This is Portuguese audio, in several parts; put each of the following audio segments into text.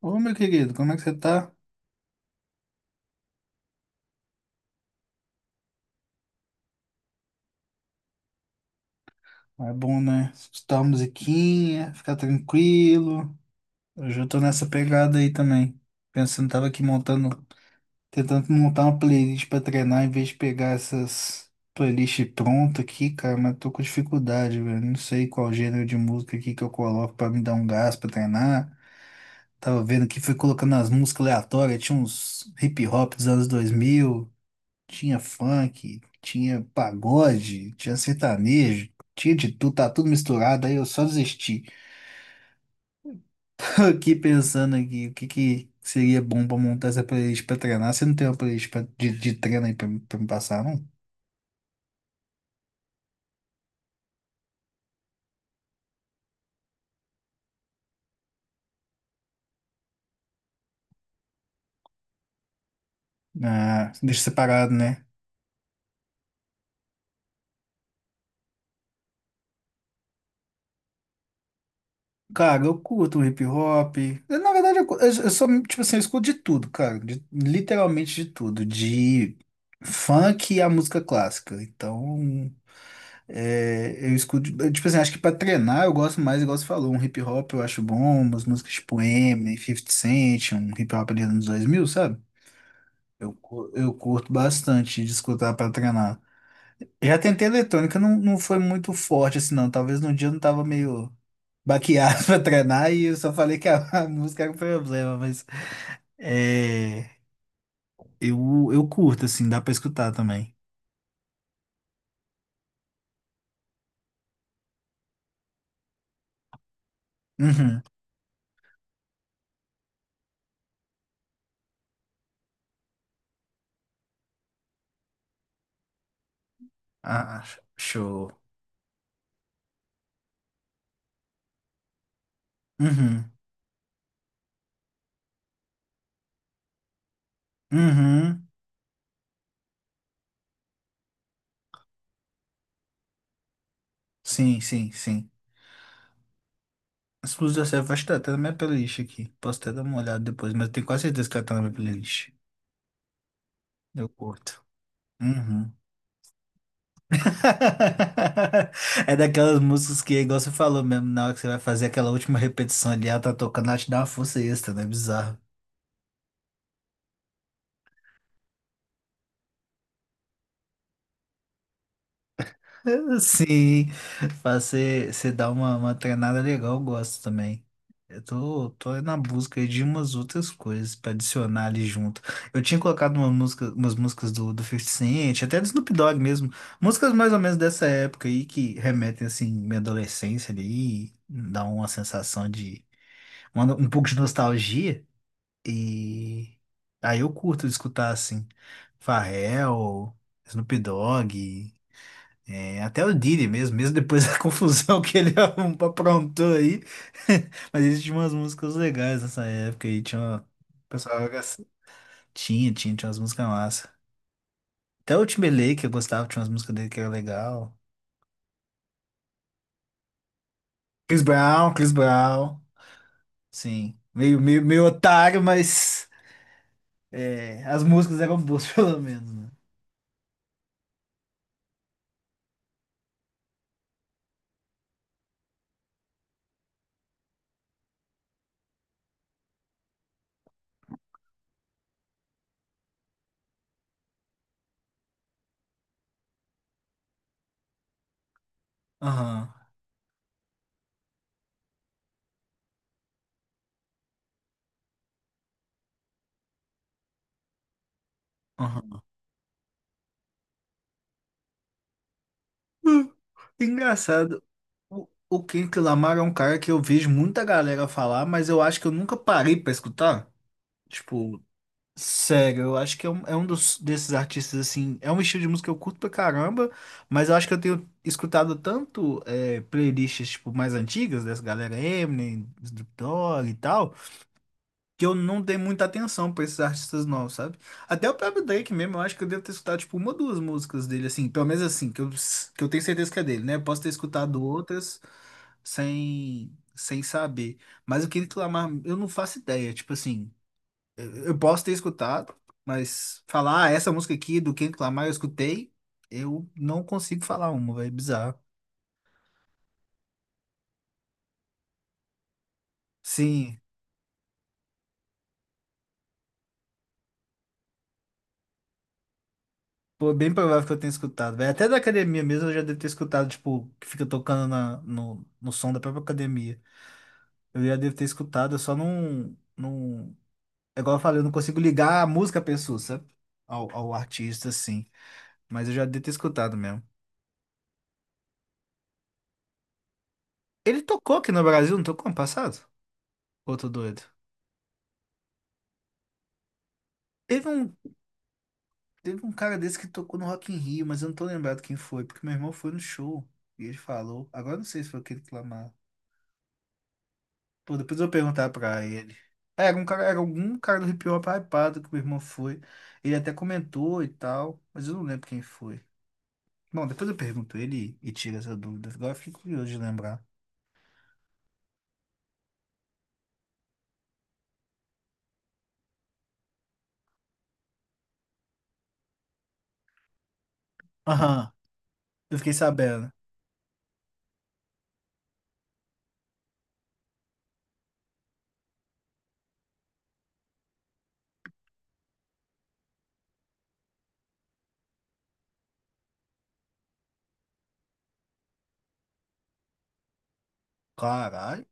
Ô, meu querido, como é que você tá? É bom, né? Escutar uma musiquinha, ficar tranquilo. Hoje eu tô nessa pegada aí também. Pensando, tava aqui montando, tentando montar uma playlist pra treinar em vez de pegar essas playlists prontas aqui, cara, mas tô com dificuldade, velho. Não sei qual gênero de música aqui que eu coloco pra me dar um gás pra treinar. Tava vendo que fui colocando as músicas aleatórias, tinha uns hip hop dos anos 2000. Tinha funk, tinha pagode, tinha sertanejo, tinha de tudo, tá tudo misturado, aí eu só desisti. Aqui pensando aqui, o que que seria bom pra montar essa playlist pra treinar? Você não tem uma playlist pra- de treino aí pra, pra me passar, não? Ah, deixa separado, né? Cara, eu curto um hip hop. Eu, na verdade, eu sou, tipo assim, eu escuto de tudo, cara. Literalmente de tudo. De funk a música clássica. Então. É, eu escuto, eu, tipo assim, acho que pra treinar eu gosto mais, igual você falou, um hip hop eu acho bom, umas músicas tipo Eminem, 50 Cent, um hip hop ali nos anos 2000, sabe? Eu curto bastante de escutar pra treinar. Já tentei eletrônica, não foi muito forte assim não, talvez no dia eu não tava meio baqueado pra treinar e eu só falei que a música era o problema, mas é, eu curto assim, dá pra escutar também. Uhum. Ah, show. Uhum. Uhum. Sim, sim, sim. As coisas da Selva, acho que tá até na minha playlist aqui. Posso até dar uma olhada depois, mas eu tenho quase certeza que ela tá na minha playlist. Eu curto. Uhum. É daquelas músicas que, igual você falou mesmo, na hora que você vai fazer aquela última repetição ali, ela tá tocando, ela te dá uma força extra, né? Bizarro. Sim, fazer, você dá uma treinada legal, eu gosto também. Eu tô na busca aí de umas outras coisas pra adicionar ali junto. Eu tinha colocado uma música, umas músicas do 50 Cent, até do Snoop Dogg mesmo. Músicas mais ou menos dessa época aí que remetem, assim, minha adolescência ali, e dá uma sensação de, uma- um pouco de nostalgia. E aí eu curto escutar, assim, Pharrell, Snoop Dogg. É, até o Didi mesmo, mesmo depois da confusão que ele arrum- aprontou aí. Mas ele tinha umas músicas legais nessa época aí, tinha uma... o pessoal era assim. Tinha umas músicas massa. Até o Timberlake eu gostava, tinha umas músicas dele que era legal. Chris Brown, sim. Meio otário, mas é, as músicas eram boas, pelo menos, né? Aham, aham. Hum, Engraçado. O Kendrick Lamar é um cara que eu vejo muita galera falar, mas eu acho que eu nunca parei pra escutar. Tipo, sério, eu acho que é um dos, desses artistas, assim, é um estilo de música que eu curto pra caramba, mas eu acho que eu tenho escutado tanto é, playlists, tipo, mais antigas, dessa galera Eminem, Snoop Dogg e tal, que eu não dei muita atenção pra esses artistas novos, sabe? Até o próprio Drake mesmo, eu acho que eu devo ter escutado, tipo, uma ou duas músicas dele, assim, pelo menos assim, que eu tenho certeza que é dele, né? Eu posso ter escutado outras sem saber, mas o que ele clamar, eu não faço ideia, tipo assim... Eu posso ter escutado, mas falar "Ah, essa música aqui do Kendrick Lamar eu escutei, eu não consigo falar uma, velho, bizarro. Sim, pô, bem provável que eu tenha escutado, velho. Até da academia mesmo eu já devo ter escutado, tipo, que fica tocando na, no som da própria academia. Eu já devo ter escutado, eu só não... É igual eu falei, eu não consigo ligar a música à pessoa, sabe? Ao artista, assim. Mas eu já devo ter escutado mesmo. Ele tocou aqui no Brasil, não tocou ano passado? Ô, tô doido. Teve um Teve um cara desse que tocou no Rock in Rio, mas eu não tô lembrado quem foi, porque meu irmão foi no show e ele falou. Agora eu não sei se foi aquele que clamava. Pô, depois eu vou perguntar pra ele. É, era um cara, era algum cara do hip hop hypado que meu irmão foi. Ele até comentou e tal, mas eu não lembro quem foi. Bom, depois eu pergunto ele e tira essa dúvida. Agora eu fiquei curioso de lembrar. Aham, eu fiquei sabendo. Caralho.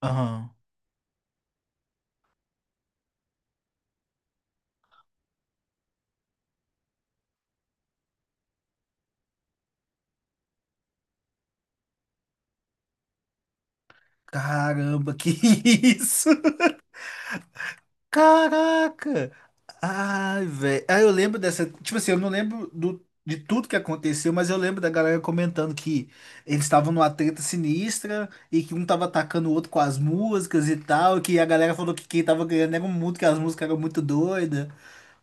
Aham. Caramba, que isso? Caraca! Ai, velho. Ah, eu lembro dessa. Tipo assim, eu não lembro do, de tudo que aconteceu, mas eu lembro da galera comentando que eles estavam numa treta sinistra e que um tava atacando o outro com as músicas e tal. Que a galera falou que quem tava ganhando era o mundo, que as músicas eram muito doidas.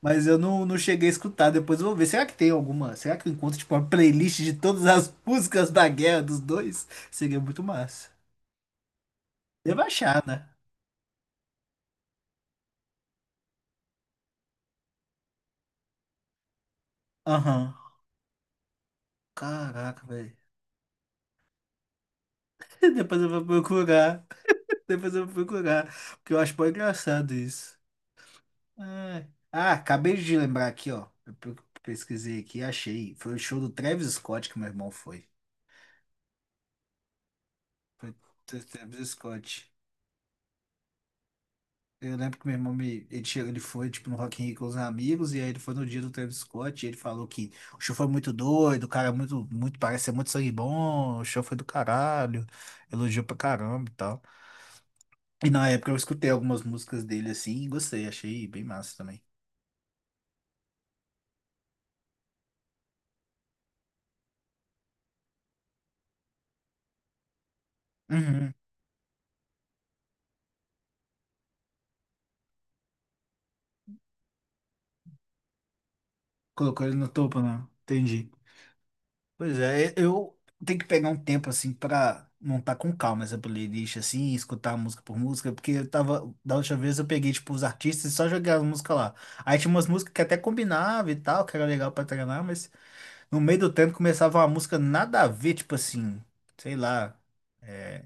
Mas eu não cheguei a escutar. Depois eu vou ver. Será que tem alguma? Será que eu encontro, tipo, uma playlist de todas as músicas da guerra dos dois? Seria muito massa. Deve achar, né? Aham. Caraca, velho. Depois eu vou procurar. Depois eu vou procurar. Porque eu acho bem engraçado isso. Ai. Ah, acabei de lembrar aqui, ó. Pesquisei aqui e achei. Foi o show do Travis Scott que meu irmão foi. Foi Travis Scott. Eu lembro que meu irmão me, ele, chegou, ele foi tipo no Rock in Rio com os amigos, e aí ele foi no dia do Travis Scott, e ele falou que o show foi muito doido, o cara é muito, muito, parece ser muito sangue bom, o show foi do caralho, elogiou pra caramba e tal. E na época eu escutei algumas músicas dele assim e gostei, achei bem massa também. Uhum. Colocou ele no topo, não. Entendi. Pois é, eu tenho que pegar um tempo assim pra montar com calma essa playlist assim, escutar música por música, porque eu tava, da última vez eu peguei tipo os artistas e só joguei as músicas lá. Aí tinha umas músicas que até combinava e tal, que era legal pra treinar, mas no meio do tempo começava uma música nada a ver, tipo assim, sei lá, é,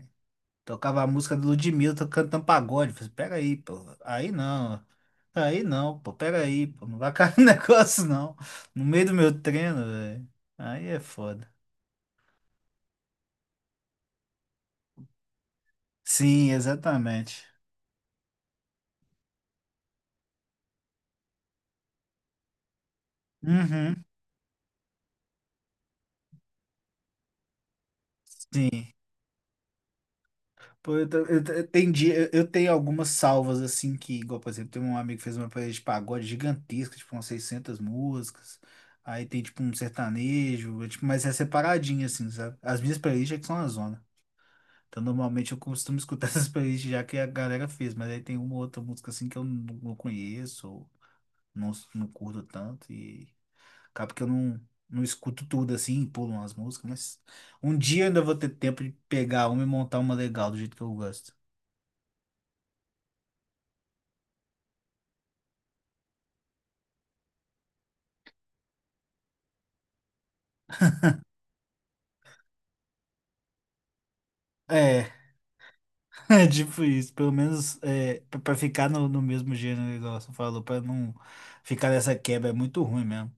tocava a música do Ludmilla, tô cantando pagode. Falei, pera aí, pô. Aí não. Aí não, pô. Pera aí, pô. Não vai cair no negócio, não. No meio do meu treino, velho. Aí é foda. Sim, exatamente. Uhum. Sim. Pô, eu entendi. Eu tenho algumas salvas, assim, que, igual, por exemplo, tem um amigo que fez uma playlist de pagode gigantesca, tipo, umas 600 músicas. Aí tem, tipo, um sertanejo, tipo, mas é separadinho, assim, sabe? As minhas playlists é que são a zona. Então, normalmente eu costumo escutar essas playlists já que a galera fez, mas aí tem uma ou outra música assim que eu não conheço, ou não curto tanto, e acaba que eu não escuto tudo assim, pulo umas músicas, mas um dia eu ainda vou ter tempo de pegar uma e montar uma legal do jeito que eu gosto. É, é tipo isso, pelo menos é, pra pra ficar no, no mesmo gênero, igual você falou, pra não ficar nessa quebra, é muito ruim mesmo.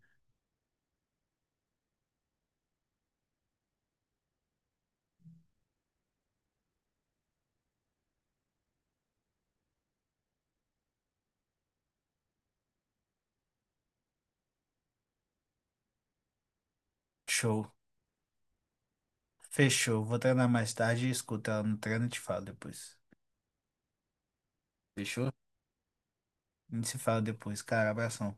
Show. Fechou. Vou treinar mais tarde e escuta ela no treino e te falo depois. Fechou? A gente se fala depois, cara. Abração.